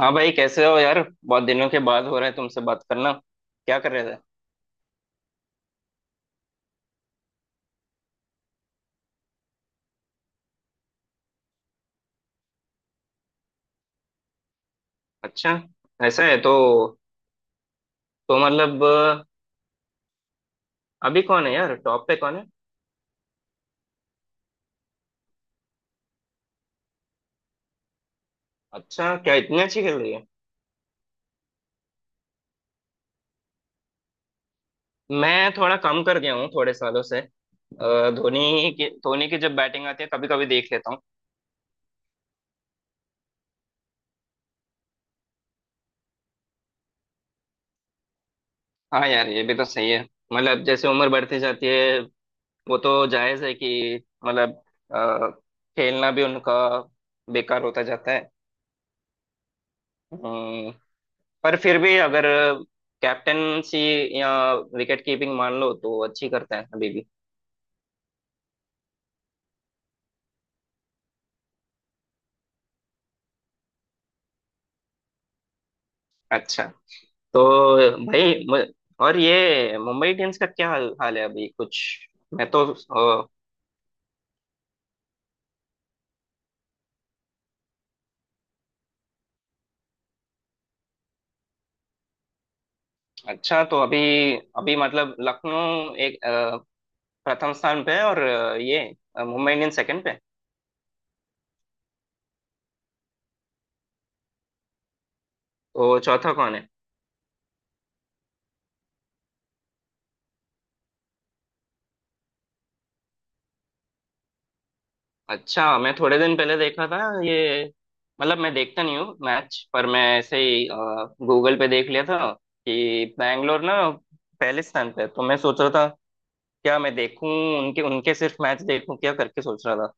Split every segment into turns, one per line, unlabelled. हाँ भाई कैसे हो यार। बहुत दिनों के बाद हो रहा है तुमसे बात करना, क्या कर रहे थे। अच्छा। ऐसा है तो। तो मतलब अभी कौन है यार, टॉप पे कौन है। अच्छा, क्या इतनी अच्छी खेल रही है। मैं थोड़ा कम कर गया हूँ थोड़े सालों से। धोनी की जब बैटिंग आती है कभी कभी देख लेता हूँ। हाँ यार ये भी तो सही है। मतलब जैसे उम्र बढ़ती जाती है, वो तो जायज है कि मतलब अ, खेलना भी उनका बेकार होता जाता है। हम्म, पर फिर भी अगर कैप्टनसी या विकेट कीपिंग मान लो तो अच्छी करते हैं अभी भी। अच्छा। तो भाई और ये मुंबई इंडियंस का क्या हाल है अभी कुछ। मैं तो अ, अच्छा, तो अभी, अभी मतलब लखनऊ एक प्रथम स्थान पे है, और ये मुंबई इंडियंस सेकंड पे। तो चौथा कौन है। अच्छा, मैं थोड़े दिन पहले देखा था ये, मतलब मैं देखता नहीं हूँ मैच, पर मैं ऐसे ही गूगल पे देख लिया था कि बैंगलोर ना पहले स्थान पे है। तो मैं सोच रहा था क्या मैं देखूं, उनके उनके सिर्फ मैच देखूं क्या, करके सोच रहा था।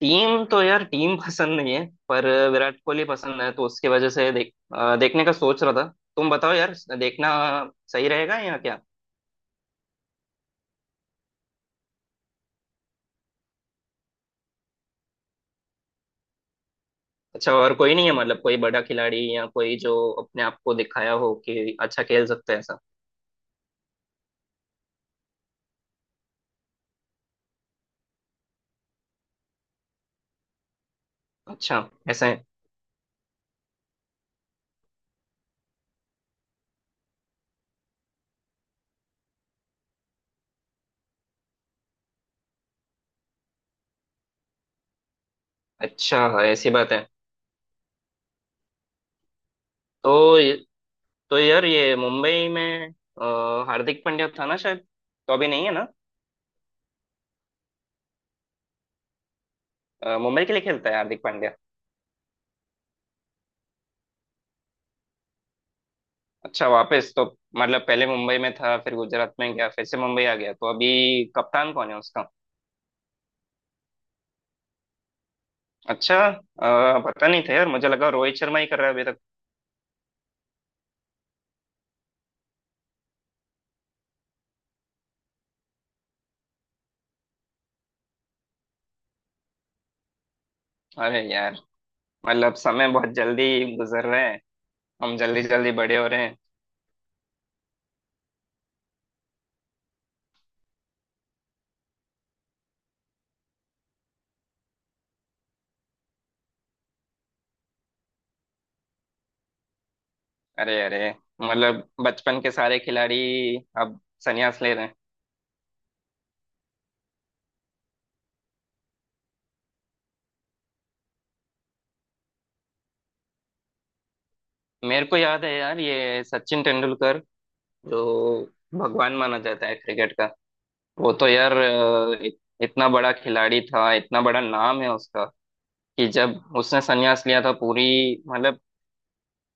टीम तो यार टीम पसंद नहीं है, पर विराट कोहली पसंद है तो उसकी वजह से देख देखने का सोच रहा था। तुम बताओ यार, देखना सही रहेगा या क्या। अच्छा, और कोई नहीं है मतलब, कोई बड़ा खिलाड़ी या कोई जो अपने आप को दिखाया हो कि अच्छा खेल सकते हैं। अच्छा। ऐसा है। अच्छा, ऐसी बात है। तो ये- तो यार ये मुंबई में अ, हार्दिक पांड्या था ना शायद, तो अभी नहीं है ना। मुंबई के लिए खेलता है हार्दिक पांड्या। अच्छा, वापस तो मतलब पहले मुंबई में था, फिर गुजरात में गया, फिर से मुंबई आ गया। तो अभी कप्तान कौन है उसका। अच्छा, पता नहीं था यार, मुझे लगा रोहित शर्मा ही कर रहा है अभी तक। अरे यार, मतलब समय बहुत जल्दी गुजर रहे हैं, हम जल्दी जल्दी बड़े हो रहे हैं। अरे अरे, मतलब बचपन के सारे खिलाड़ी अब संन्यास ले रहे हैं। मेरे को याद है यार, ये सचिन तेंदुलकर जो भगवान माना जाता है क्रिकेट का, वो तो यार इतना बड़ा खिलाड़ी था, इतना बड़ा नाम है उसका, कि जब उसने संन्यास लिया था पूरी मतलब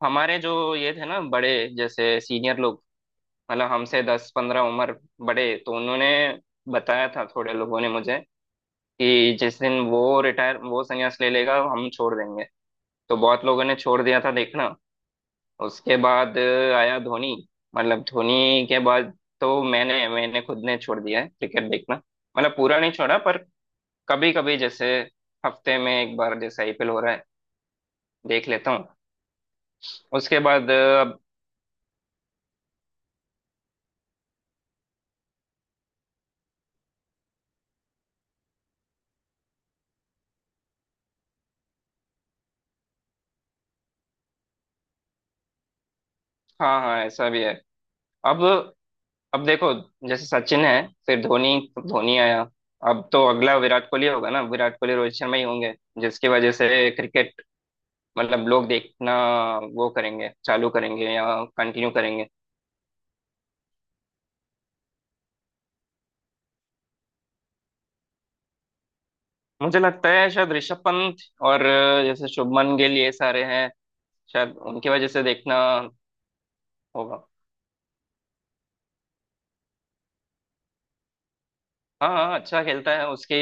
हमारे जो ये थे ना बड़े, जैसे सीनियर लोग, मतलब हमसे दस पंद्रह उम्र बड़े, तो उन्होंने बताया था थोड़े लोगों ने मुझे कि जिस दिन वो रिटायर वो संन्यास ले लेगा हम छोड़ देंगे। तो बहुत लोगों ने छोड़ दिया था देखना उसके बाद। आया धोनी, मतलब धोनी के बाद तो मैंने मैंने खुद ने छोड़ दिया है क्रिकेट देखना। मतलब पूरा नहीं छोड़ा, पर कभी कभी जैसे हफ्ते में एक बार, जैसे आईपीएल हो रहा है देख लेता हूँ उसके बाद। अब हाँ हाँ, ऐसा भी है। अब अब देखो, जैसे सचिन है फिर धोनी, धोनी आया, अब तो अगला विराट कोहली होगा ना, विराट कोहली रोहित शर्मा ही होंगे जिसकी वजह से क्रिकेट मतलब लोग देखना वो करेंगे, चालू करेंगे या कंटिन्यू करेंगे। मुझे लगता है शायद ऋषभ पंत और जैसे शुभमन गिल, ये सारे हैं, शायद उनकी वजह से देखना होगा। हाँ हाँ, अच्छा खेलता है। उसकी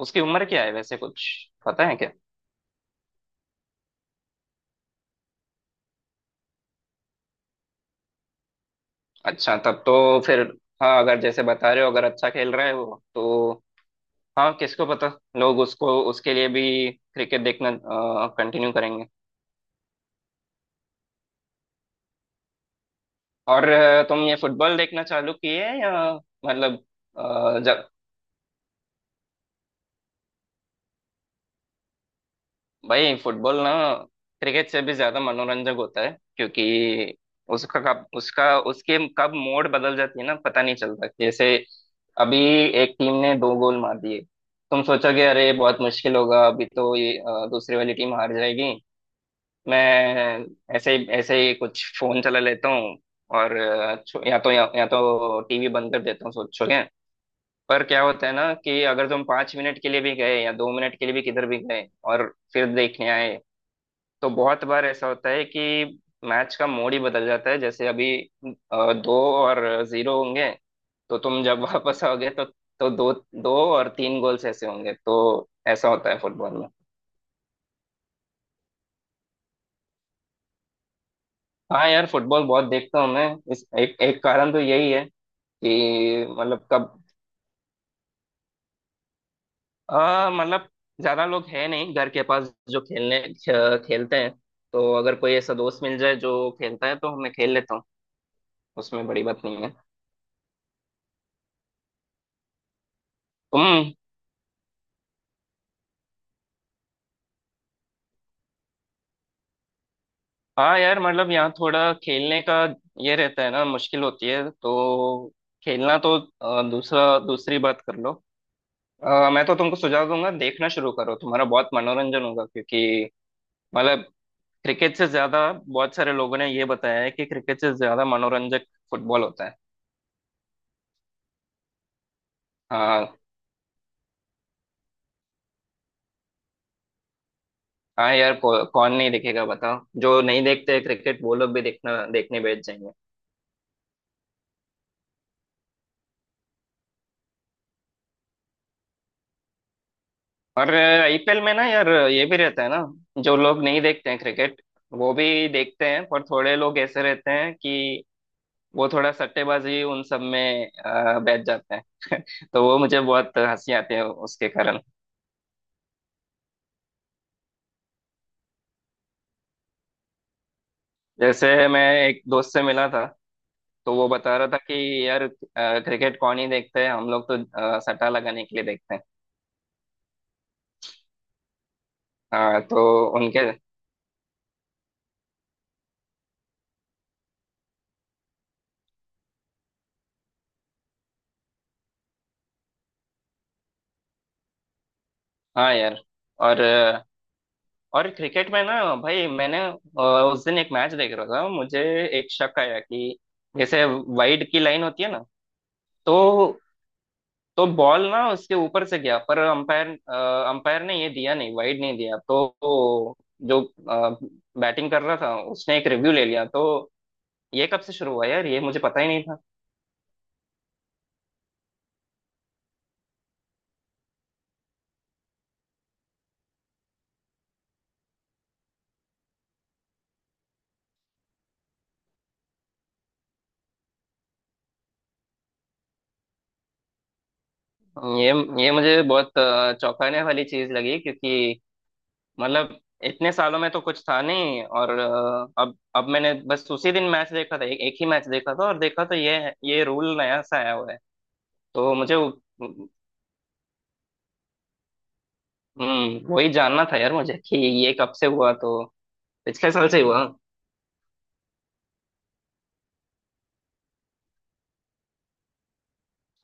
उसकी उम्र क्या है वैसे, कुछ पता है क्या। अच्छा, तब तो फिर हाँ, अगर जैसे बता रहे हो, अगर अच्छा खेल रहा है वो, तो हाँ किसको पता, लोग उसको उसके लिए भी क्रिकेट देखना कंटिन्यू करेंगे। और तुम ये फुटबॉल देखना चालू किए या मतलब। भाई फुटबॉल ना क्रिकेट से भी ज्यादा मनोरंजक होता है क्योंकि उसका कब, उसका, उसके कब मोड़ बदल जाती है ना पता नहीं चलता। जैसे अभी एक टीम ने दो गोल मार दिए, तुम सोचोगे अरे बहुत मुश्किल होगा, अभी तो ये दूसरी वाली टीम हार जाएगी। मैं ऐसे ही कुछ फोन चला लेता हूँ और या तो या तो टीवी बंद कर देता हूँ सोचोगे। पर क्या होता है ना कि अगर तुम पांच मिनट के लिए भी गए या दो मिनट के लिए भी किधर भी गए और फिर देखने आए तो बहुत बार ऐसा होता है कि मैच का मोड ही बदल जाता है। जैसे अभी दो और जीरो होंगे तो तुम जब वापस आओगे तो दो, दो और तीन गोल्स ऐसे होंगे। तो ऐसा होता है फुटबॉल में। हाँ यार फुटबॉल बहुत देखता हूँ मैं। इस एक एक कारण तो यही है कि मतलब कब। आ, मतलब ज्यादा लोग है नहीं घर के पास जो खेलने खेलते हैं। तो अगर कोई ऐसा दोस्त मिल जाए जो खेलता है तो मैं खेल लेता हूँ, उसमें बड़ी बात नहीं है। तुम हाँ यार, मतलब यहाँ थोड़ा खेलने का ये रहता है ना, मुश्किल होती है तो खेलना तो दूसरा दूसरी बात कर लो। मैं तो तुमको सुझाव दूंगा, देखना शुरू करो, तुम्हारा बहुत मनोरंजन होगा क्योंकि मतलब क्रिकेट से ज्यादा, बहुत सारे लोगों ने ये बताया है कि क्रिकेट से ज्यादा मनोरंजक फुटबॉल होता है। हाँ, हाँ यार कौन नहीं देखेगा बताओ, जो नहीं देखते क्रिकेट वो लोग भी देखना, देखने बैठ जाएंगे। और आईपीएल में ना यार ये भी रहता है ना, जो लोग नहीं देखते हैं क्रिकेट वो भी देखते हैं, पर थोड़े लोग ऐसे रहते हैं कि वो थोड़ा सट्टेबाजी उन सब में बैठ जाते हैं। तो वो मुझे बहुत हंसी आती है उसके कारण। जैसे मैं एक दोस्त से मिला था, तो वो बता रहा था कि यार क्रिकेट कौन ही देखते हैं, हम लोग तो सट्टा लगाने के लिए देखते हैं। हाँ तो उनके हाँ यार। और और क्रिकेट में ना भाई मैंने उस दिन एक मैच देख रहा था, मुझे एक शक आया कि जैसे वाइड की लाइन होती है ना, तो तो बॉल ना उसके ऊपर से गया पर अंपायर, अंपायर ने ये दिया नहीं, वाइड नहीं दिया। तो जो बैटिंग कर रहा था उसने एक रिव्यू ले लिया। तो ये कब से शुरू हुआ यार, ये मुझे पता ही नहीं था। ये ये मुझे बहुत चौंकाने वाली चीज लगी क्योंकि मतलब इतने सालों में तो कुछ था नहीं। और अब मैंने बस उसी दिन मैच देखा था, एक एक ही मैच देखा था और देखा तो ये रूल नया सा आया हुआ है। तो हम्म, वही जानना था यार मुझे कि ये कब से हुआ। तो पिछले साल से ही हुआ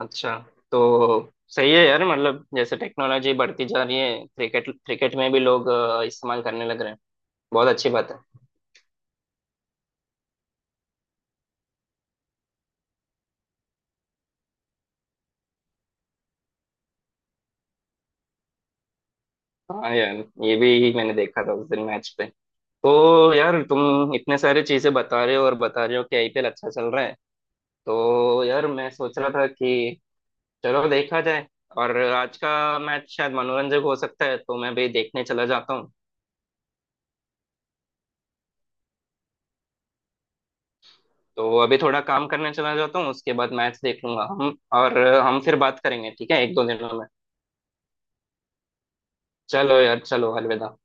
अच्छा। तो सही है यार, मतलब जैसे टेक्नोलॉजी बढ़ती जा रही है क्रिकेट, क्रिकेट में भी लोग इस्तेमाल करने लग रहे हैं, बहुत अच्छी बात है। हाँ यार ये भी मैंने देखा था उस दिन मैच पे। तो यार तुम इतने सारे चीजें बता रहे हो और बता रहे हो कि आईपीएल अच्छा चल रहा है, तो यार मैं सोच रहा था कि चलो देखा जाए, और आज का मैच शायद मनोरंजक हो सकता है तो मैं भी देखने चला जाता हूँ। तो अभी थोड़ा काम करने चला जाता हूँ, उसके बाद मैच देख लूंगा, हम, और हम फिर बात करेंगे ठीक है, एक दो दिनों में। चलो यार, चलो अलविदा।